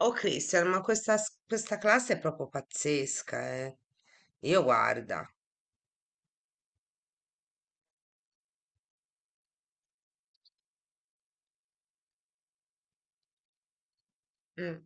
Oh Cristian, ma questa, questa classe è proprio pazzesca, Io guarda. Mm.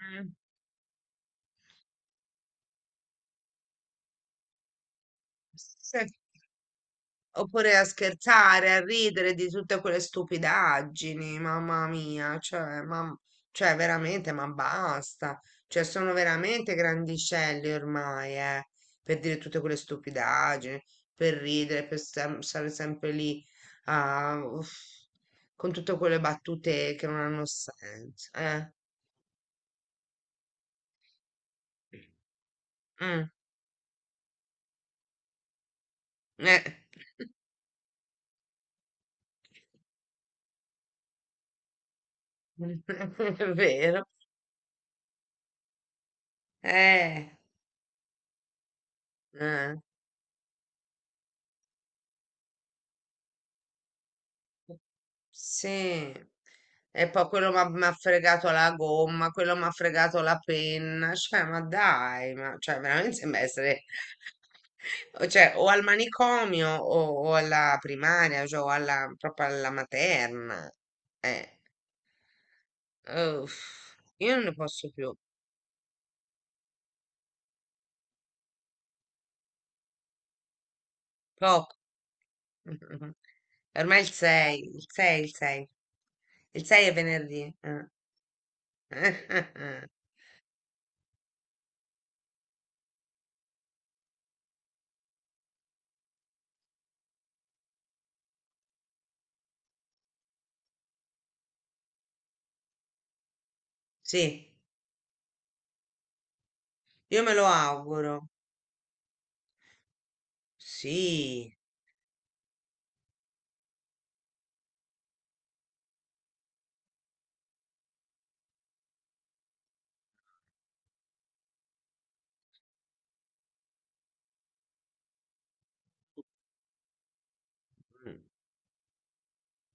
Mm. Se- Oppure a scherzare, a ridere di tutte quelle stupidaggini, mamma mia, cioè, ma, cioè veramente, ma basta. Cioè, sono veramente grandicelli ormai, per dire tutte quelle stupidaggini, per ridere, stare sempre lì, a- uff, con tutte quelle battute che non hanno senso, Mm, eh. È vero, eh. eh. Sì, e poi quello m'ha fregato la gomma, quello mi ha fregato la penna, cioè ma dai, ma cioè, veramente sembra essere o cioè, o al manicomio o alla primaria, cioè, o alla, proprio alla materna. Eh, io non ne posso più, poco. Ormai il 6, il 6 è venerdì. Sì, io me lo auguro, sì. Mm.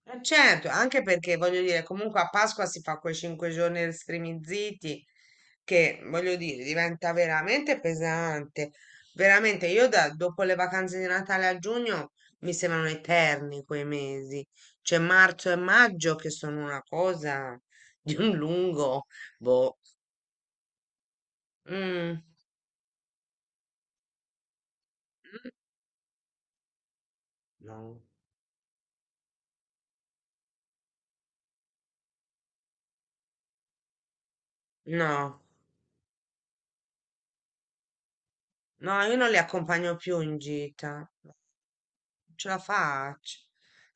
Certo, anche perché voglio dire, comunque a Pasqua si fa quei cinque giorni restrinziti che voglio dire, diventa veramente pesante. Veramente, io dopo le vacanze di Natale a giugno mi sembrano eterni quei mesi. C'è marzo e maggio che sono una cosa di un lungo, boh. Mm, No. No, no, io non li accompagno più in gita. Ce la faccio.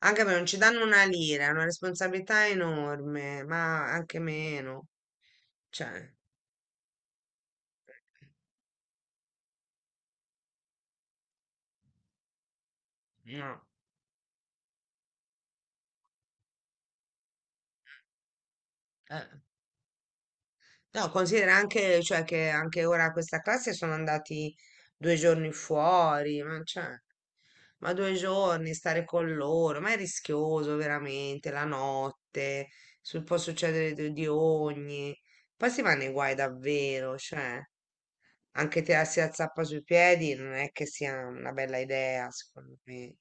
Anche perché non ci danno una lira, è una responsabilità enorme, ma anche meno. Cioè, no. Eh. No, considera anche, cioè, che anche ora questa classe sono andati due giorni fuori, ma, cioè, ma due giorni stare con loro, ma è rischioso veramente, la notte, può succedere di ogni. Poi si va nei guai davvero, cioè. Anche tirarsi la zappa sui piedi non è che sia una bella idea, secondo me.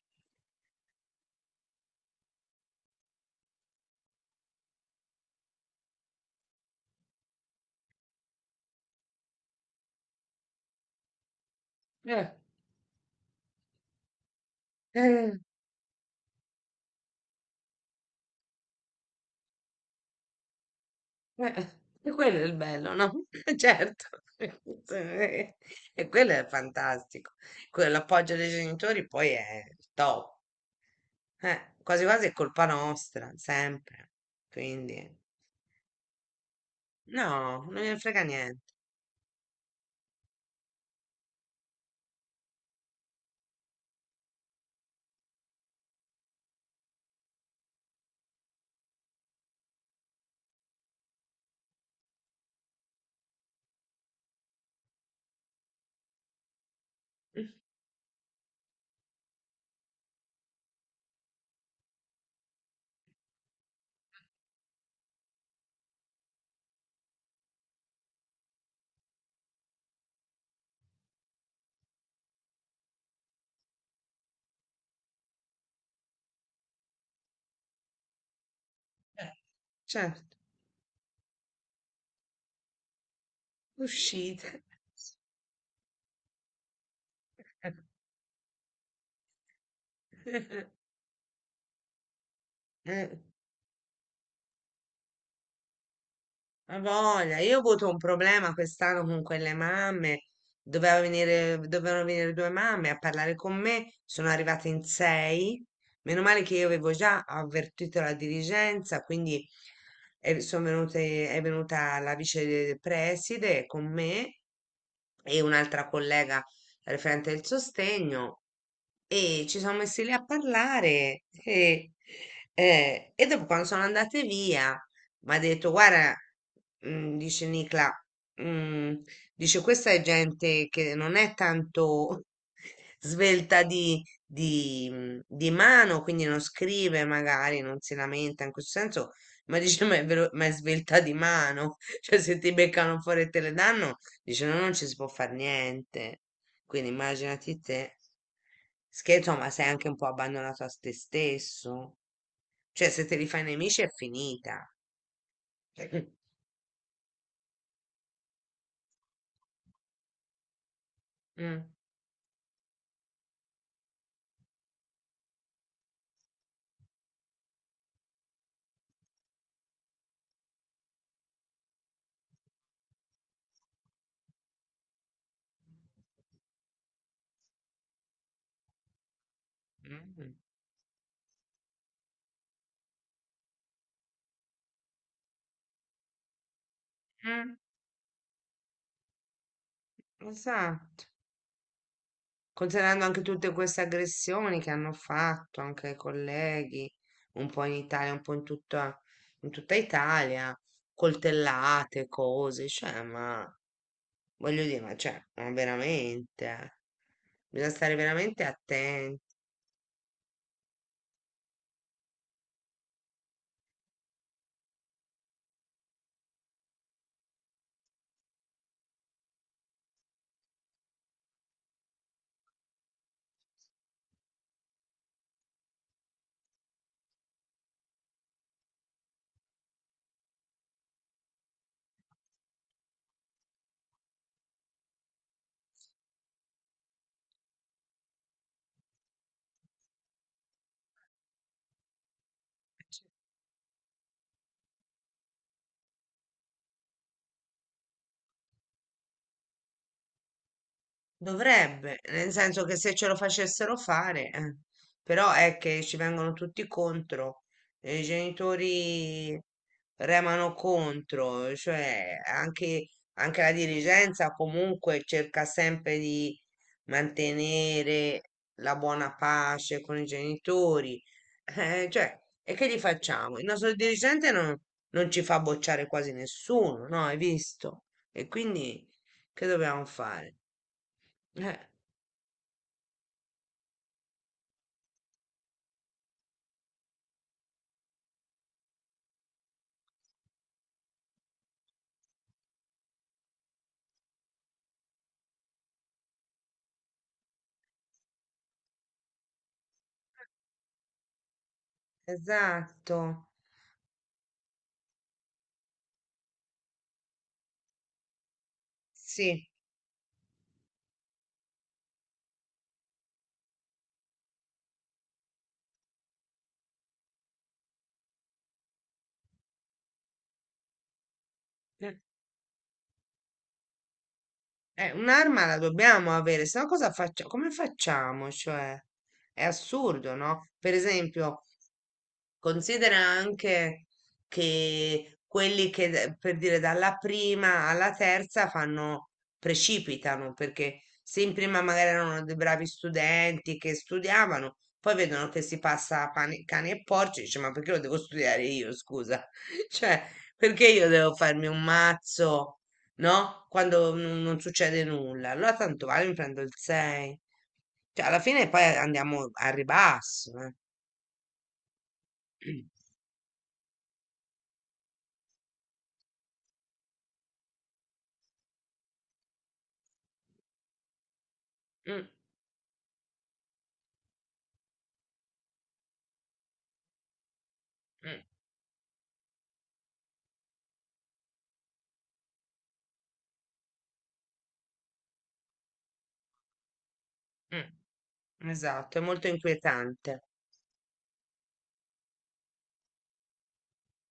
Eh, eh, eh, e quello è il bello, no? Certo, e quello è fantastico. Quello, l'appoggio dei genitori poi è il top. Quasi quasi è colpa nostra, sempre. Quindi, no, non me ne frega niente. Eh, Certo, uscite. Eh. Ma voglia, io ho avuto un problema quest'anno con quelle mamme. Dovevano venire due mamme a parlare con me. Sono arrivate in sei. Meno male che io avevo già avvertito la dirigenza, quindi sono venute, è venuta la vice preside con me e un'altra collega referente del sostegno. E ci siamo messi lì a parlare e dopo quando sono andate via mi ha detto, guarda, dice Nicla, mm, dice questa è gente che non è tanto svelta di mano, quindi non scrive magari, non si lamenta in questo senso, ma dice ma è, ma è svelta di mano, cioè se ti beccano fuori e te le danno, dice no, non ci si può fare niente. Quindi immaginati te, scherzo, ma sei anche un po' abbandonato a te stesso. Cioè, se te li fai nemici è finita. Cioè, Mm, mm, mm, Eh, esatto. Considerando anche tutte queste aggressioni che hanno fatto anche ai colleghi, un po' in Italia, un po' in tutta Italia, coltellate, cose, cioè, ma voglio dire, ma cioè, ma veramente, bisogna stare veramente attenti. Dovrebbe, nel senso che se ce lo facessero fare, eh. Però è che ci vengono tutti contro, i genitori remano contro, anche la dirigenza comunque cerca sempre di mantenere la buona pace con i genitori. Cioè, e che gli facciamo? Il nostro dirigente non, non ci fa bocciare quasi nessuno, no? Hai visto? E quindi che dobbiamo fare? Eh. Esatto, sì. Eh, un'arma la dobbiamo avere, se no cosa facciamo? Come facciamo? Cioè, è assurdo, no? Per esempio, considera anche che quelli che, per dire, dalla prima alla terza fanno, precipitano, perché se in prima magari erano dei bravi studenti che studiavano, poi vedono che si passa a cani e porci, dice, ma perché lo devo studiare io, scusa? Cioè, perché io devo farmi un mazzo, no? Quando non succede nulla. Allora tanto vale, mi prendo il 6. Cioè, alla fine poi andiamo al ribasso. Mm, mm, mm. Esatto, è molto inquietante.